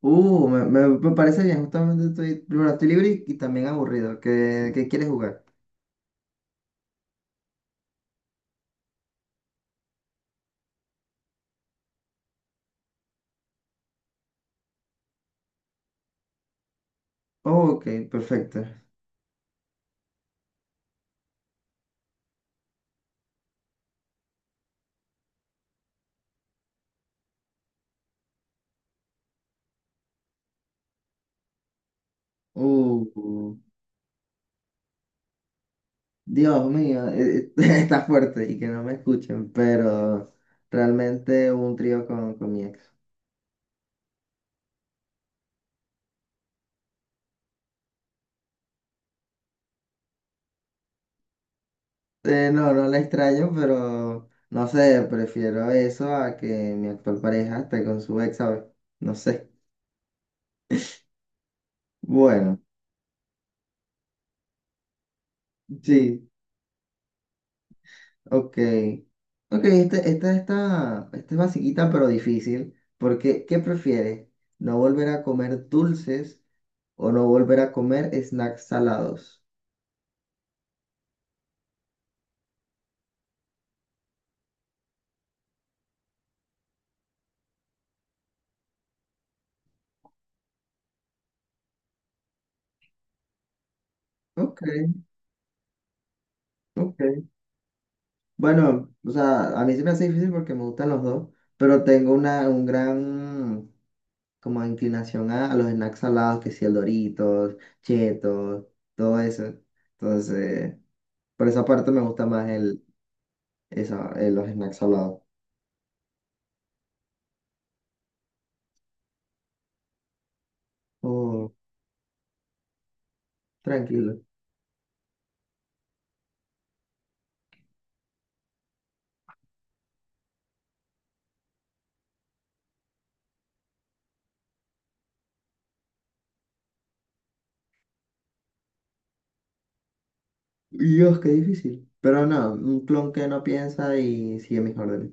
Me parece bien, justamente estoy, primero estoy libre y también aburrido. ¿Qué quieres jugar? Ok, perfecto. Uh, uh, Dios mío, está fuerte y que no me escuchen, pero realmente hubo un trío con mi ex. No, no la extraño, pero no sé, prefiero eso a que mi actual pareja esté con su ex, ¿sabes? No sé. Bueno, sí. Ok, ok, esta es basiquita pero difícil, porque ¿qué prefieres? ¿No volver a comer dulces o no volver a comer snacks salados? Ok, ok. Bueno, o sea, a mí se me hace difícil porque me gustan los dos, pero tengo una un gran como inclinación a los snacks salados, que si el Doritos, Cheetos, todo eso. Entonces, por esa parte me gusta más los snacks salados. Oh, tranquilo. Dios, qué difícil. Pero no, un clon que no piensa y sigue mis órdenes.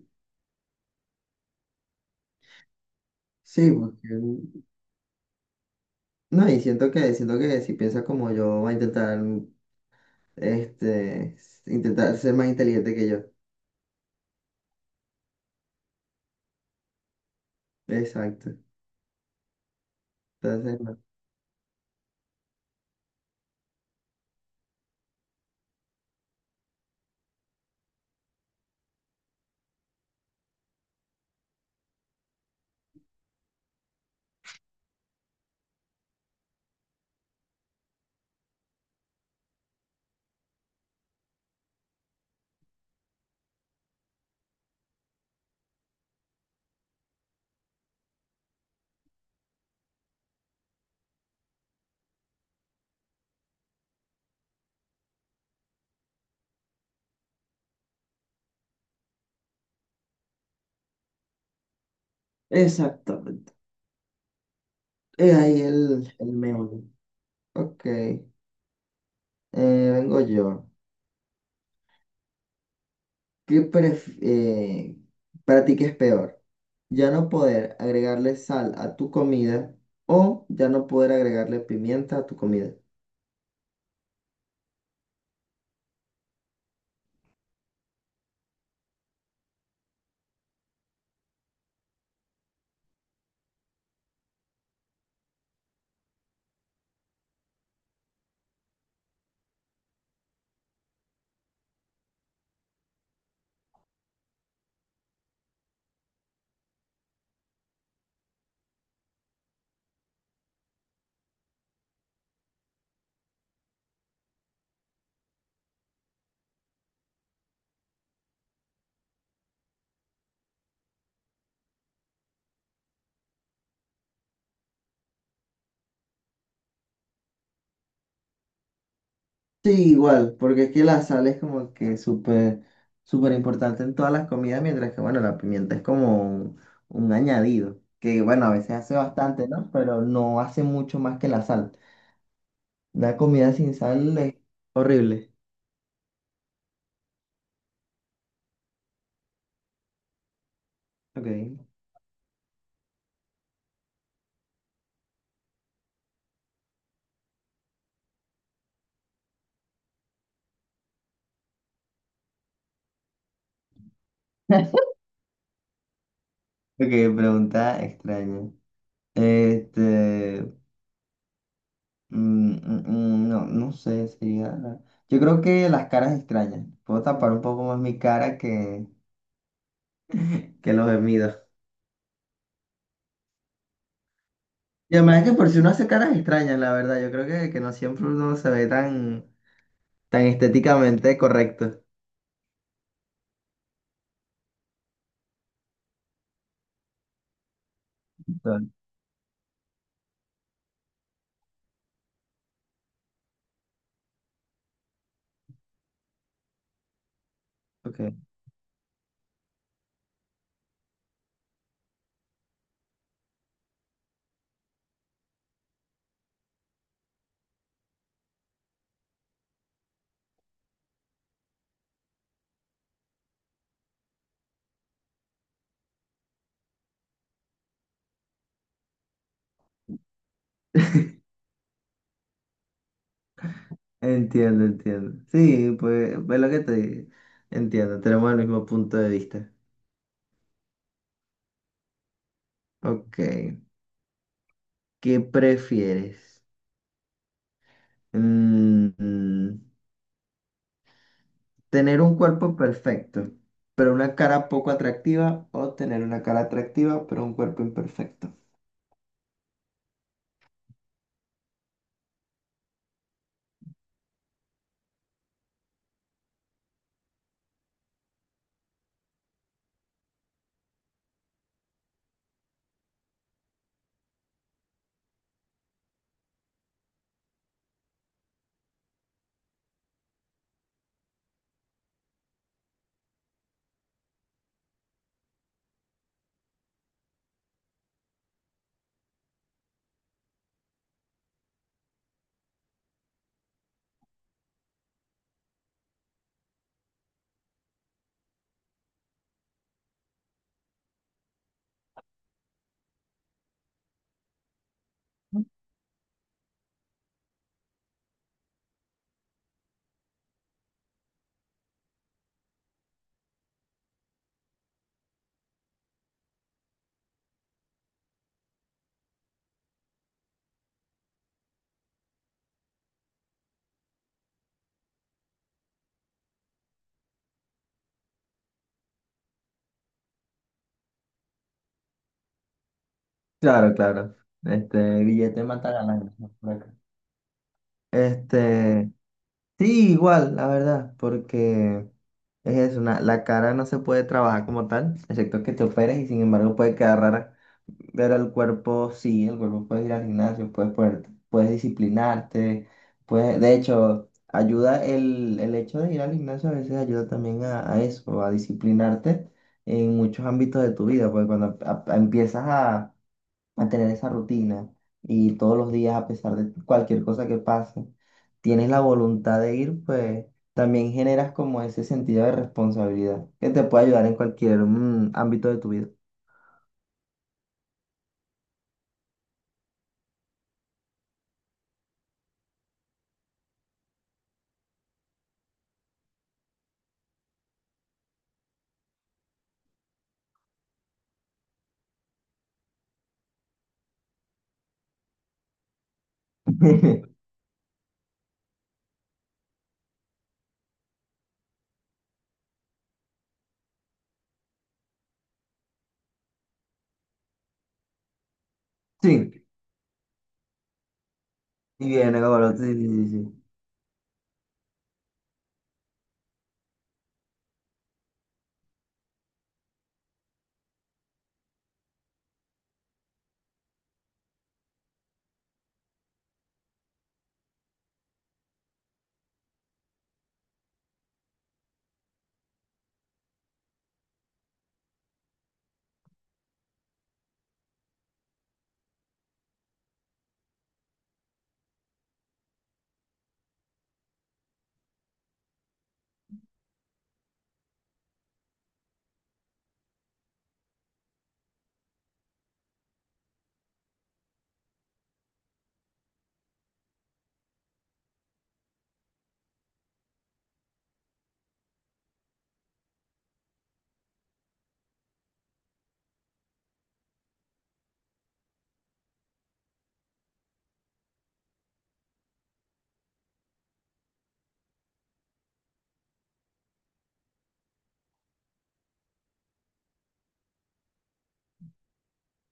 Sí, porque... no, y siento que si piensa como yo, va a intentar, este, intentar ser más inteligente que yo. Exacto. Entonces, no. Exactamente. Es ahí el meollo. Ok. Vengo yo. ¿Qué pref- eh, para ti qué es peor? ¿Ya no poder agregarle sal a tu comida o ya no poder agregarle pimienta a tu comida? Sí, igual, porque es que la sal es como que súper, súper importante en todas las comidas, mientras que, bueno, la pimienta es como un añadido, que, bueno, a veces hace bastante, ¿no? Pero no hace mucho más que la sal. Una comida sin sal es horrible. Ok. Ok, pregunta extraña. Este, mm, mm, no, no sé, yo creo que las caras extrañas. Puedo tapar un poco más mi cara que, que los gemidos. Y además que por si uno hace caras extrañas, la verdad, yo creo que no siempre uno se ve tan, tan estéticamente correcto. Tal. Ok, entiendo, entiendo. Sí, pues es lo que te digo. Entiendo, tenemos el mismo punto de vista. Ok, ¿qué prefieres? Mm, mm, ¿Tener un cuerpo perfecto, pero una cara poco atractiva o tener una cara atractiva, pero un cuerpo imperfecto? Claro, claro. Este billete mata ganancias por acá. Este, Sí, igual, la verdad, porque es eso, la cara no se puede trabajar como tal, excepto que te operes y sin embargo puede quedar rara, pero el cuerpo sí, el cuerpo puede ir al gimnasio, puedes disciplinarte, puedes, de hecho, ayuda el hecho de ir al gimnasio a veces ayuda también a eso, a disciplinarte en muchos ámbitos de tu vida, porque cuando empiezas a mantener esa rutina y todos los días, a pesar de cualquier cosa que pase, tienes la voluntad de ir, pues también generas como ese sentido de responsabilidad que te puede ayudar en cualquier ámbito de tu vida. Sí, y viene, cabrón, sí, sí, sí, sí.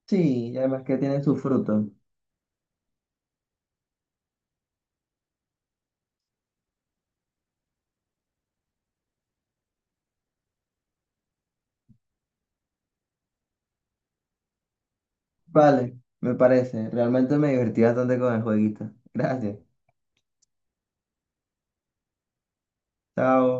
Sí, y además que tiene sus frutos. Vale, me parece. Realmente me divertí bastante con el jueguito. Gracias. Chao.